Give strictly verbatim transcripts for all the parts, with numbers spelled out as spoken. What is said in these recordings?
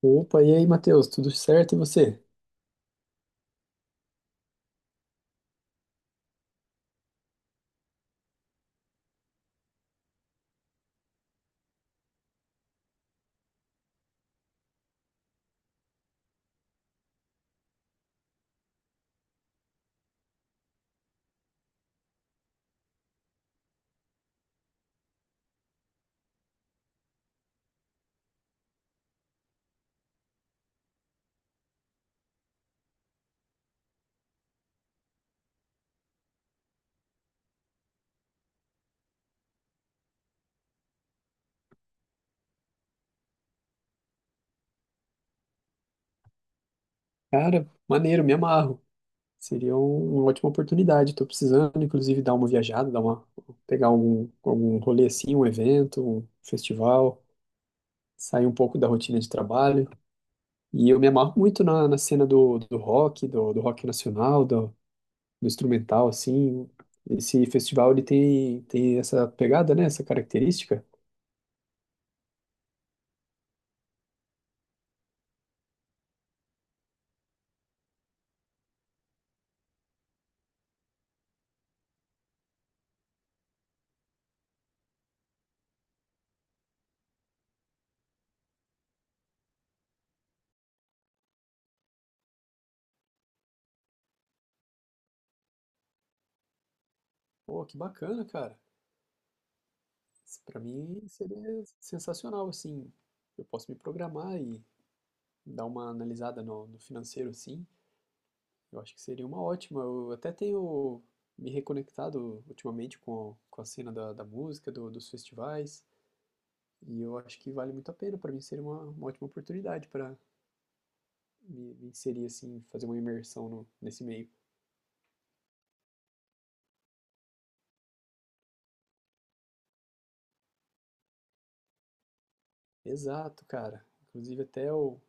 Opa, e aí, Matheus, tudo certo e você? Cara, maneiro, me amarro. Seria um- uma ótima oportunidade. Tô precisando, inclusive, dar uma viajada, dar uma, pegar algum, algum rolê assim, um evento, um festival, sair um pouco da rotina de trabalho. E eu me amarro muito na, na cena do, do rock, do, do rock nacional, do, do instrumental, assim. Esse festival, ele tem, tem essa pegada, né? Essa característica. Pô, que bacana, cara. Para mim seria sensacional, assim. Eu posso me programar e dar uma analisada no, no financeiro, assim. Eu acho que seria uma ótima. Eu até tenho me reconectado ultimamente com, com a cena da, da música, do- dos festivais, e eu acho que vale muito a pena. Para mim seria uma, uma ótima oportunidade para me, me inserir, assim, fazer uma imersão no, nesse meio. Exato, cara. Inclusive, até o,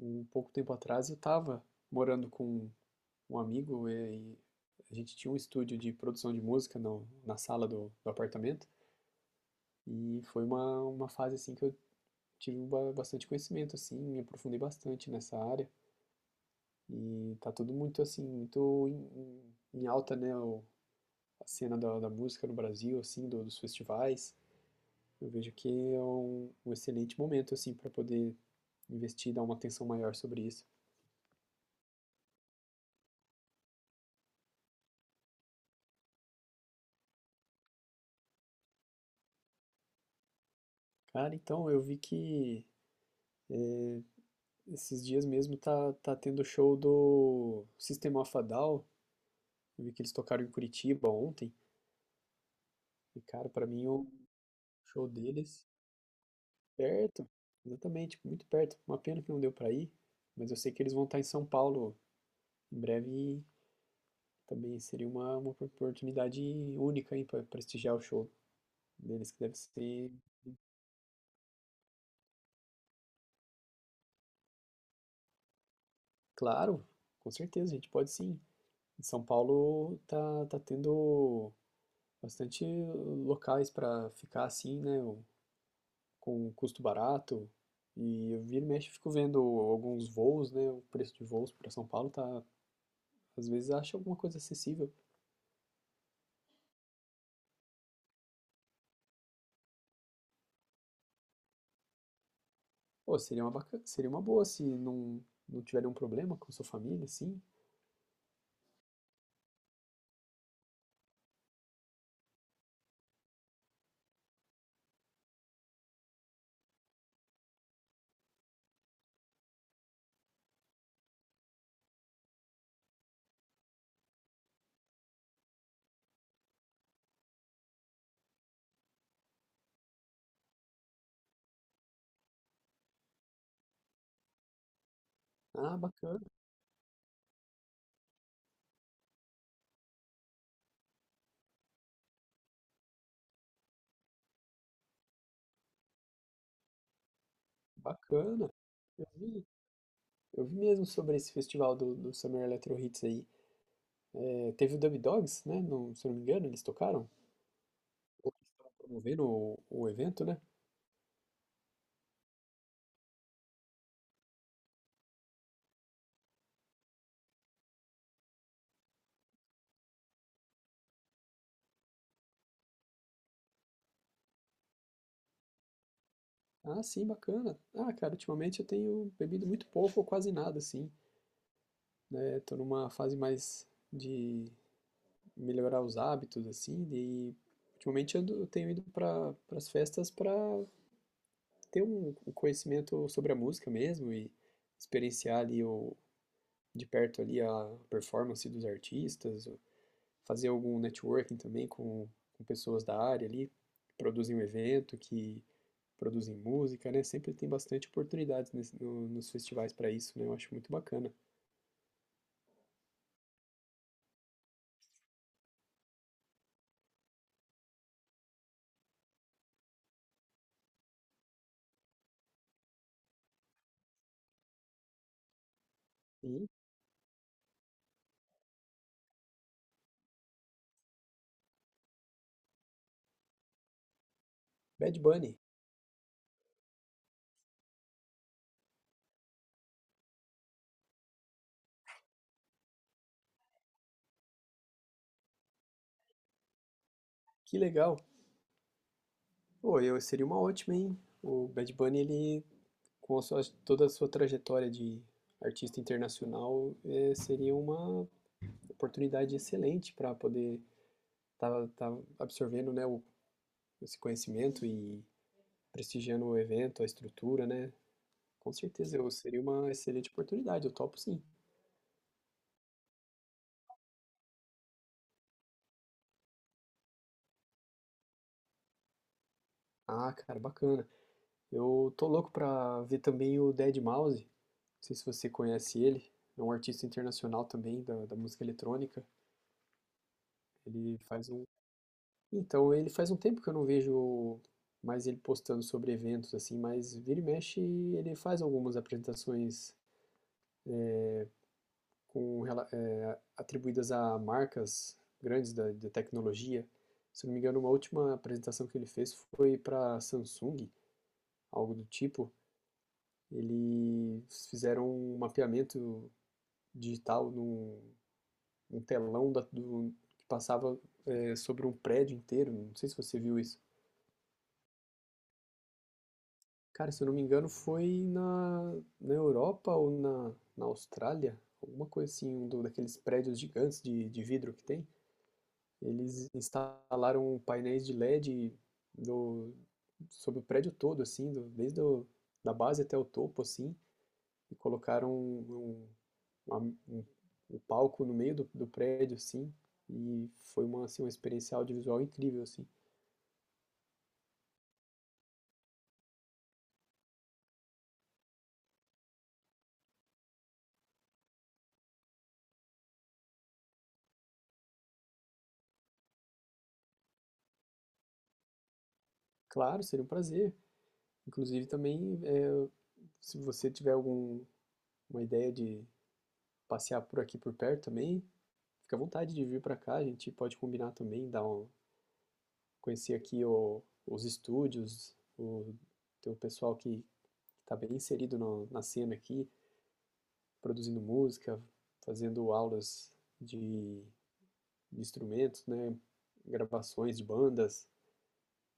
um pouco tempo atrás eu estava morando com um amigo e a gente tinha um estúdio de produção de música no, na sala do, do apartamento e foi uma, uma fase assim que eu tive bastante conhecimento assim, me aprofundei bastante nessa área e tá tudo muito assim, muito em, em- alta, né, o- a cena da, da música no Brasil, assim, do- dos festivais. Eu vejo que é um, um excelente momento assim para poder investir, dar uma atenção maior sobre isso. Cara, então eu vi que esses dias mesmo tá, tá tendo show do System of a Down. Eu vi que eles tocaram em Curitiba ontem. E, cara, pra mim o show deles perto, exatamente, tipo, muito perto. Uma pena que não deu pra ir, mas eu sei que eles vão estar em São Paulo em breve e também seria uma, uma oportunidade única, hein, pra prestigiar o show deles, que deve ser, claro, com certeza, a gente pode sim. Em São Paulo tá, tá tendo bastante locais pra ficar assim, né? Com custo barato. E eu vira e mexe, fico vendo alguns voos, né? O preço de voos para São Paulo tá, às vezes acha alguma coisa acessível. Pô, seria uma bacana, seria uma boa se não não tiver nenhum problema com sua família, assim. Ah, bacana, bacana. Eu vi, eu vi mesmo sobre esse festival do, do Summer Electro Hits aí. É, teve o Dub Dogs, né? Não, se eu não me engano, eles tocaram, ou promovendo o, o evento, né? Ah, sim, bacana. Ah, cara, ultimamente eu tenho bebido muito pouco ou quase nada, assim. Né? Tô numa fase mais de melhorar os hábitos, assim, e ultimamente eu, tenho ido para as festas para ter um, um conhecimento sobre a música mesmo e experienciar ali o, de perto ali a performance dos artistas, fazer algum networking também com, com pessoas da área ali, que produzem o evento, que produzem música, né? Sempre tem bastante oportunidades nesse- no- nos festivais para isso, né? Eu acho muito bacana. E Bad Bunny, que legal! Pô, eu seria uma ótima, hein? O Bad Bunny, ele, com a sua- toda a sua trajetória de artista internacional, é, seria uma oportunidade excelente para poder estar absorvendo, né, o, esse conhecimento e prestigiando o evento, a estrutura, né? Com certeza, eu seria uma excelente oportunidade, eu topo sim. Ah, cara, bacana. Eu tô louco pra ver também o dead mouse. Não sei se você conhece ele, é um artista internacional também da, da música eletrônica. Ele faz um, Então, ele faz um tempo que eu não vejo mais ele postando sobre eventos, assim, mas vira e mexe ele faz algumas apresentações com, rela- eh, atribuídas a marcas grandes da, de tecnologia. Se eu não me engano, uma última apresentação que ele fez foi para Samsung, algo do tipo. Eles fizeram um mapeamento digital num, num telão da- do- que passava eh, sobre um prédio inteiro. Não sei se você viu isso. Cara, se eu não me engano, foi na, na Europa ou na, na Austrália, alguma coisa assim, um do, daqueles prédios gigantes de, de vidro que tem. Eles instalaram painéis de LED do, sobre o prédio todo, assim, do- desde o, da base até o topo, assim, e colocaram um, uma- um, um palco no meio do, do prédio, assim, e foi uma, assim, uma experiência audiovisual incrível, assim. Claro, seria um prazer. Inclusive também, é, se você tiver algum uma ideia de passear por aqui por perto também, fica à vontade de vir para cá. A gente pode combinar também, dar um, conhecer aqui o- os estúdios, o, tem o pessoal que está bem inserido no- na cena aqui, produzindo música, fazendo aulas de, de instrumentos, né? Gravações de bandas.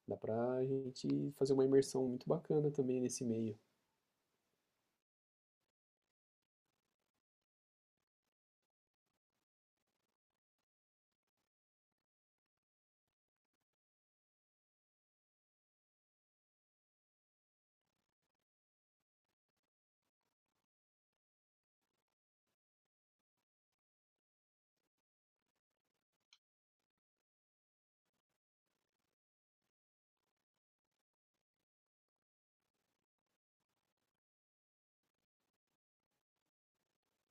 Dá pra gente fazer uma imersão muito bacana também nesse meio.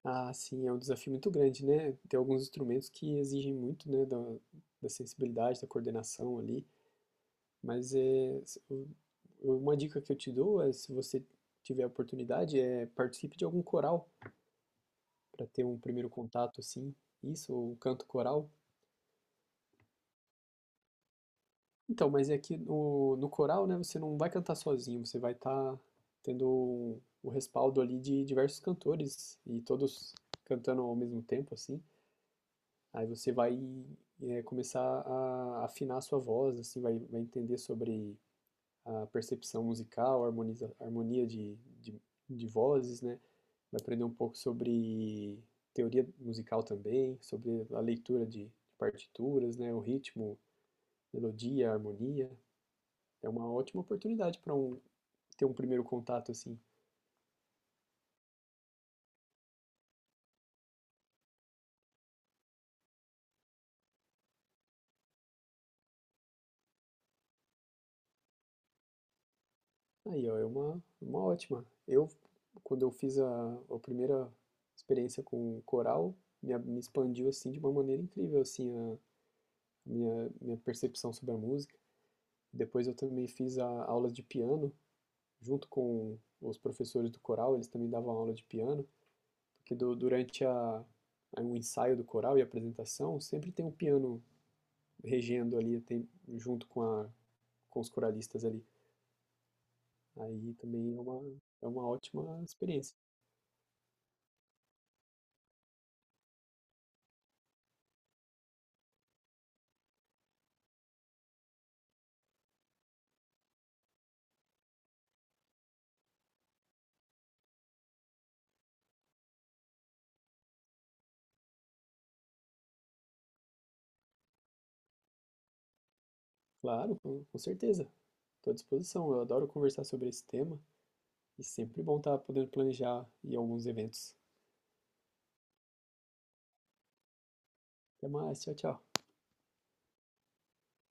Ah, sim, é um desafio muito grande, né? Tem alguns instrumentos que exigem muito, né, da, da sensibilidade, da coordenação ali, mas é, se- o- uma dica que eu te dou é, se você tiver a oportunidade, é participe de algum coral para ter um primeiro contato, assim, isso, ou um canto coral. Então, mas é que no, no coral, né, você não vai cantar sozinho, você vai estar tendo o o respaldo ali de diversos cantores e todos cantando ao mesmo tempo, assim. Aí você vai eh, começar a afinar a sua voz, assim, vai, vai entender sobre a percepção musical, harmoniza, harmonia de, de, de vozes, né? Vai aprender um pouco sobre teoria musical também, sobre a leitura de partituras, né? O ritmo, melodia, harmonia. É uma ótima oportunidade para um, ter um primeiro contato, assim. Aí, ó, é uma, uma ótima. Eu, quando eu fiz a, a primeira experiência com coral, me, a- me expandiu, assim, de uma maneira incrível, assim, a minha, minha percepção sobre a música. Depois eu também fiz a, aulas de piano, junto com os professores do coral, eles também davam aula de piano, porque du- durante a, a, o ensaio do coral e a apresentação, sempre tem um piano regendo ali, tem, junto com a, com os coralistas ali. Aí também é uma, é uma ótima experiência. Claro, com, com certeza. Estou à disposição. Eu adoro conversar sobre esse tema e sempre bom estar podendo planejar e alguns eventos. Até mais, tchau, tchau.